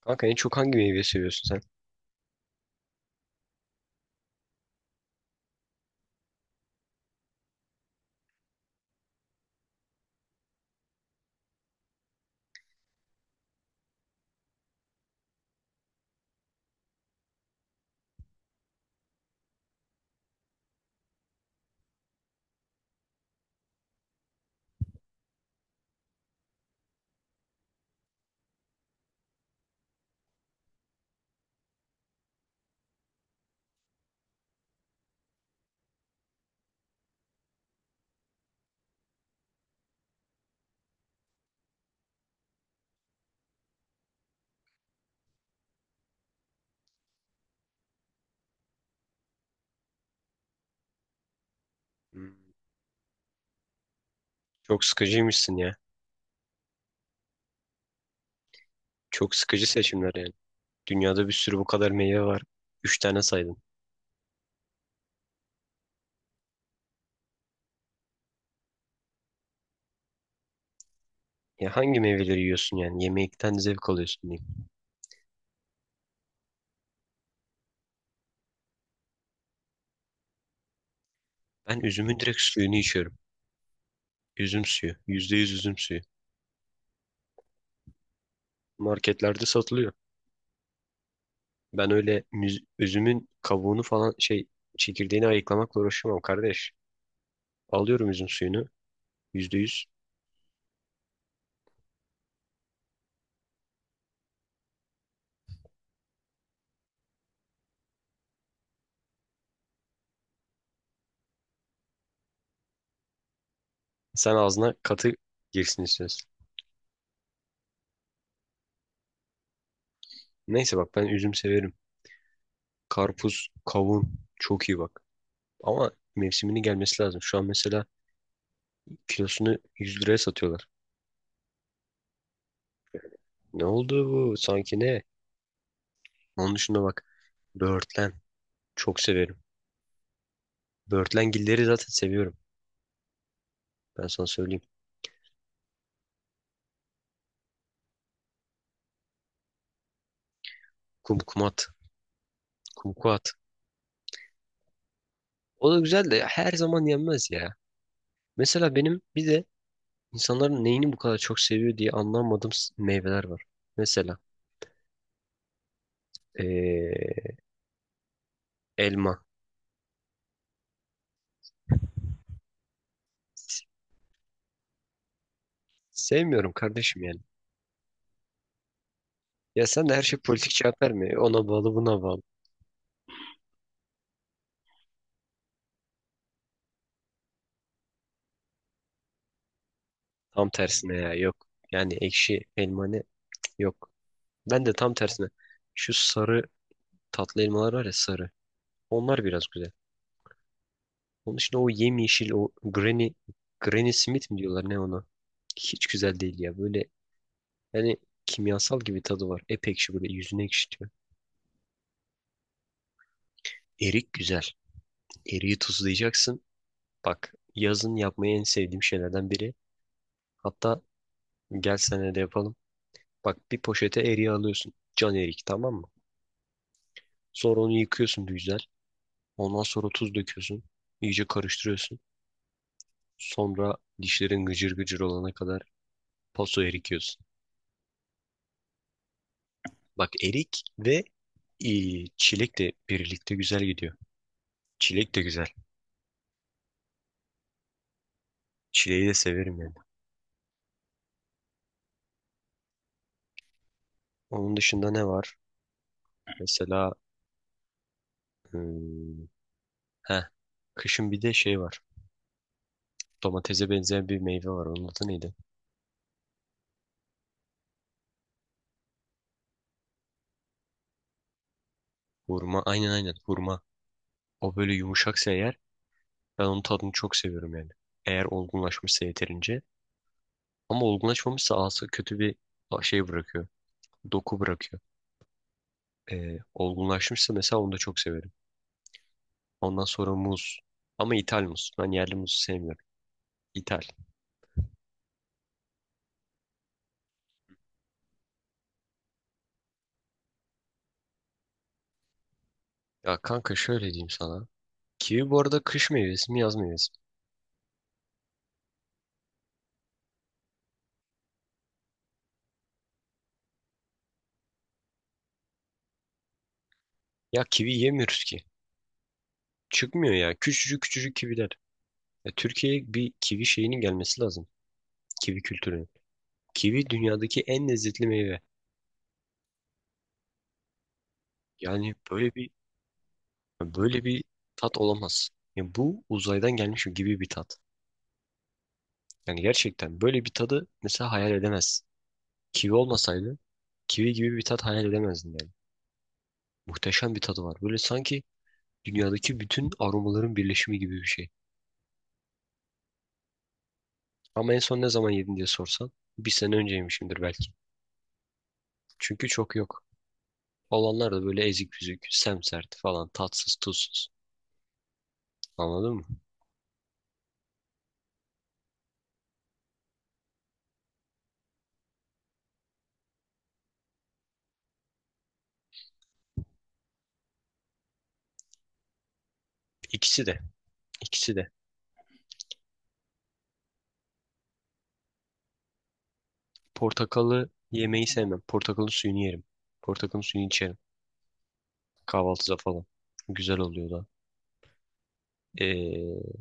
Kanka en çok hangi meyveyi seviyorsun sen? Hmm, Çok sıkıcıymışsın ya. Çok sıkıcı seçimler yani. Dünyada bir sürü bu kadar meyve var. Üç tane saydın. Ya hangi meyveleri yiyorsun yani? Yemekten zevk alıyorsun diyeyim. Ben üzümün direkt suyunu içiyorum. Üzüm suyu. Yüzde yüz üzüm suyu. Marketlerde satılıyor. Ben öyle üzümün kabuğunu falan şey çekirdeğini ayıklamakla uğraşamam kardeş. Alıyorum üzüm suyunu. Yüzde yüz. Sen ağzına katı girsin istiyorsun. Neyse bak ben üzüm severim. Karpuz, kavun çok iyi bak. Ama mevsiminin gelmesi lazım. Şu an mesela kilosunu 100 liraya satıyorlar. Ne oldu bu? Sanki ne? Onun dışında bak. Böğürtlen. Çok severim. Böğürtlengilleri zaten seviyorum. Ben sana söyleyeyim. Kumkumat. Kumkuat. O da güzel de her zaman yenmez ya. Mesela benim bir de insanların neyini bu kadar çok seviyor diye anlamadığım meyveler var. Mesela ee, elma. S- Sevmiyorum kardeşim yani. Ya sen de her şey politik cevap verme. Ona bağlı buna bağlı. Tam tersine ya yok. Yani ekşi elmanı yok. Ben de tam tersine. Şu sarı tatlı elmalar var ya sarı. Onlar biraz güzel. Onun için o yemyeşil o Granny Smith mi diyorlar ne ona? Hiç güzel değil ya. Böyle yani kimyasal gibi tadı var. Ep ekşi böyle yüzüne ekşitiyor. Erik güzel. Eriği tuzlayacaksın. Bak yazın yapmayı en sevdiğim şeylerden biri. Hatta gel senede de yapalım. Bak bir poşete eriği alıyorsun. Can erik, tamam mı? Sonra onu yıkıyorsun güzel. Ondan sonra tuz döküyorsun. İyice karıştırıyorsun. Sonra dişlerin gıcır gıcır olana kadar paso erikiyorsun. Bak erik ve e, çilek de birlikte güzel gidiyor. Çilek de güzel. Çileği de severim yani. Onun dışında ne var? Mesela hmm, heh, kışın bir de şey var. Domatese benzeyen bir meyve var. Onun adı neydi? Hurma. Aynen aynen hurma. O böyle yumuşaksa eğer ben onun tadını çok seviyorum yani. Eğer olgunlaşmışsa yeterince. Ama olgunlaşmamışsa ağası kötü bir şey bırakıyor. Doku bırakıyor. Olgunlaşmışsa mesela onu da çok severim. Ondan sonra muz. Ama ithal muz. Ben yerli muzu sevmiyorum. İthal. Ya kanka şöyle diyeyim sana. Kivi bu arada kış meyvesi mi yaz meyvesi mi? Ya kivi yemiyoruz ki. Çıkmıyor ya. Küçücük küçücük kiviler. Ya Türkiye'ye bir kivi şeyinin gelmesi lazım. Kivi kültürünün. Kivi dünyadaki en lezzetli meyve. Yani, böyle bir tat olamaz. Ya bu uzaydan gelmiş gibi bir tat. Yani gerçekten böyle bir tadı mesela hayal edemez. Kivi olmasaydı kivi gibi bir tat hayal edemezdim yani. Muhteşem bir tadı var. Böyle sanki dünyadaki bütün aromaların birleşimi gibi bir şey. Ama en son ne zaman yedin diye sorsan bir sene önceymişimdir belki. Çünkü çok yok. Olanlar da böyle ezik büzük, semsert falan, tatsız, tuzsuz. Anladın mı? İkisi de, ikisi de. Portakalı yemeyi sevmem. Portakalın suyunu yerim. Portakalın suyunu içerim. Kahvaltıda falan. Güzel oluyor da. Ee,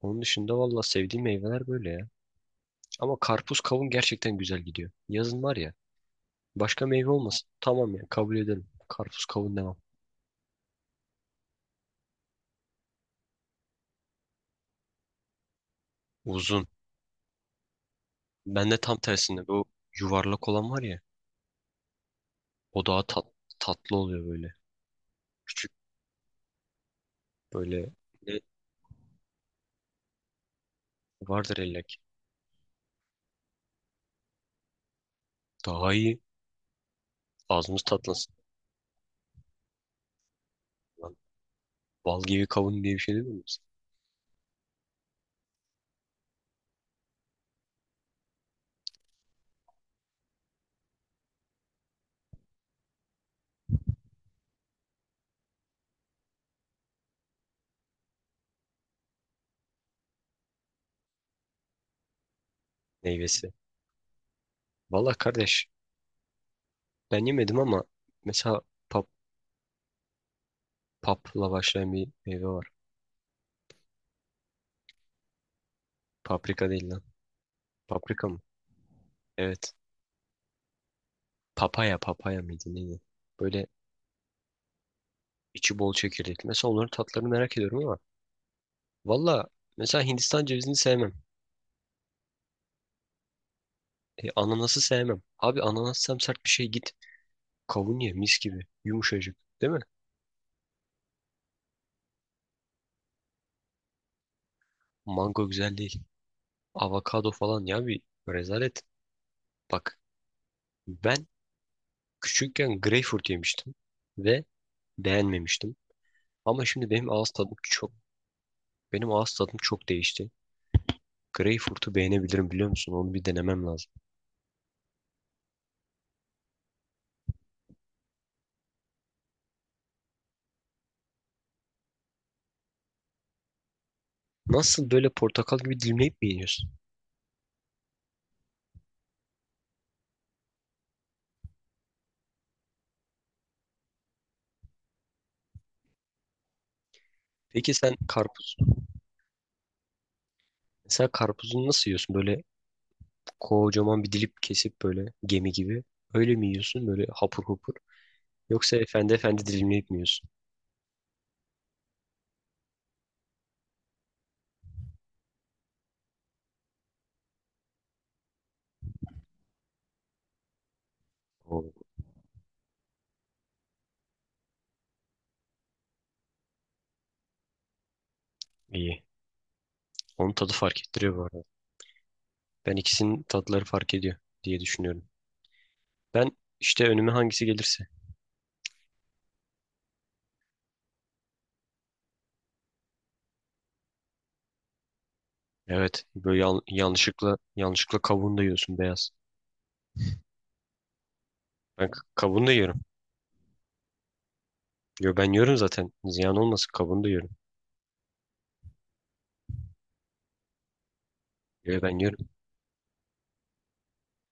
Onun dışında valla sevdiğim meyveler böyle ya. Ama karpuz kavun gerçekten güzel gidiyor. Yazın var ya. Başka meyve olmasın. Tamam ya kabul ederim. Karpuz kavun demem. Uzun. Ben de tam tersinde bu yuvarlak olan var ya. O daha tat, tatlı oluyor böyle. Küçük böyle ne vardır ellek. Daha iyi. Ağzımız tatlansın. Lan, bal gibi kavun diye bir şey değil mi? Meyvesi. Valla kardeş ben yemedim ama mesela pap, papla başlayan bir meyve var. Paprika değil lan. Paprika mı? Evet. Papaya, papaya mıydı neydi? Böyle içi bol çekirdekli. Mesela onların tatlarını merak ediyorum ama valla mesela Hindistan cevizini sevmem. Ananası sevmem. Abi ananas sert bir şey git. Kavun ye mis gibi. Yumuşacık değil mi? Mango güzel değil. Avokado falan ya bir rezalet. Bak ben küçükken greyfurt yemiştim ve beğenmemiştim. Ama şimdi benim ağız tadım çok değişti. Greyfurt'u beğenebilirim biliyor musun? Onu bir denemem lazım. Nasıl böyle portakal gibi dilimleyip mi yiyorsun? Peki sen karpuz. Mesela karpuzunu nasıl yiyorsun? Böyle kocaman bir dilip kesip böyle gemi gibi. Öyle mi yiyorsun? Böyle hapur hapur. Yoksa efendi efendi dilimleyip mi yiyorsun? Oo, iyi. Onun tadı fark ettiriyor bu arada. Ben ikisinin tatları fark ediyor diye düşünüyorum. Ben işte önüme hangisi gelirse. Evet. Böyle yanlışlıkla yanlışlıkla kabuğunu da yiyorsun beyaz. Ben kabuğunu da yiyorum. Yo ben yiyorum zaten. Ziyan olmasın kabuğunu da yiyorum. Yo ben yiyorum.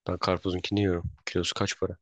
Ben karpuzunkini yiyorum. Kilosu kaç para?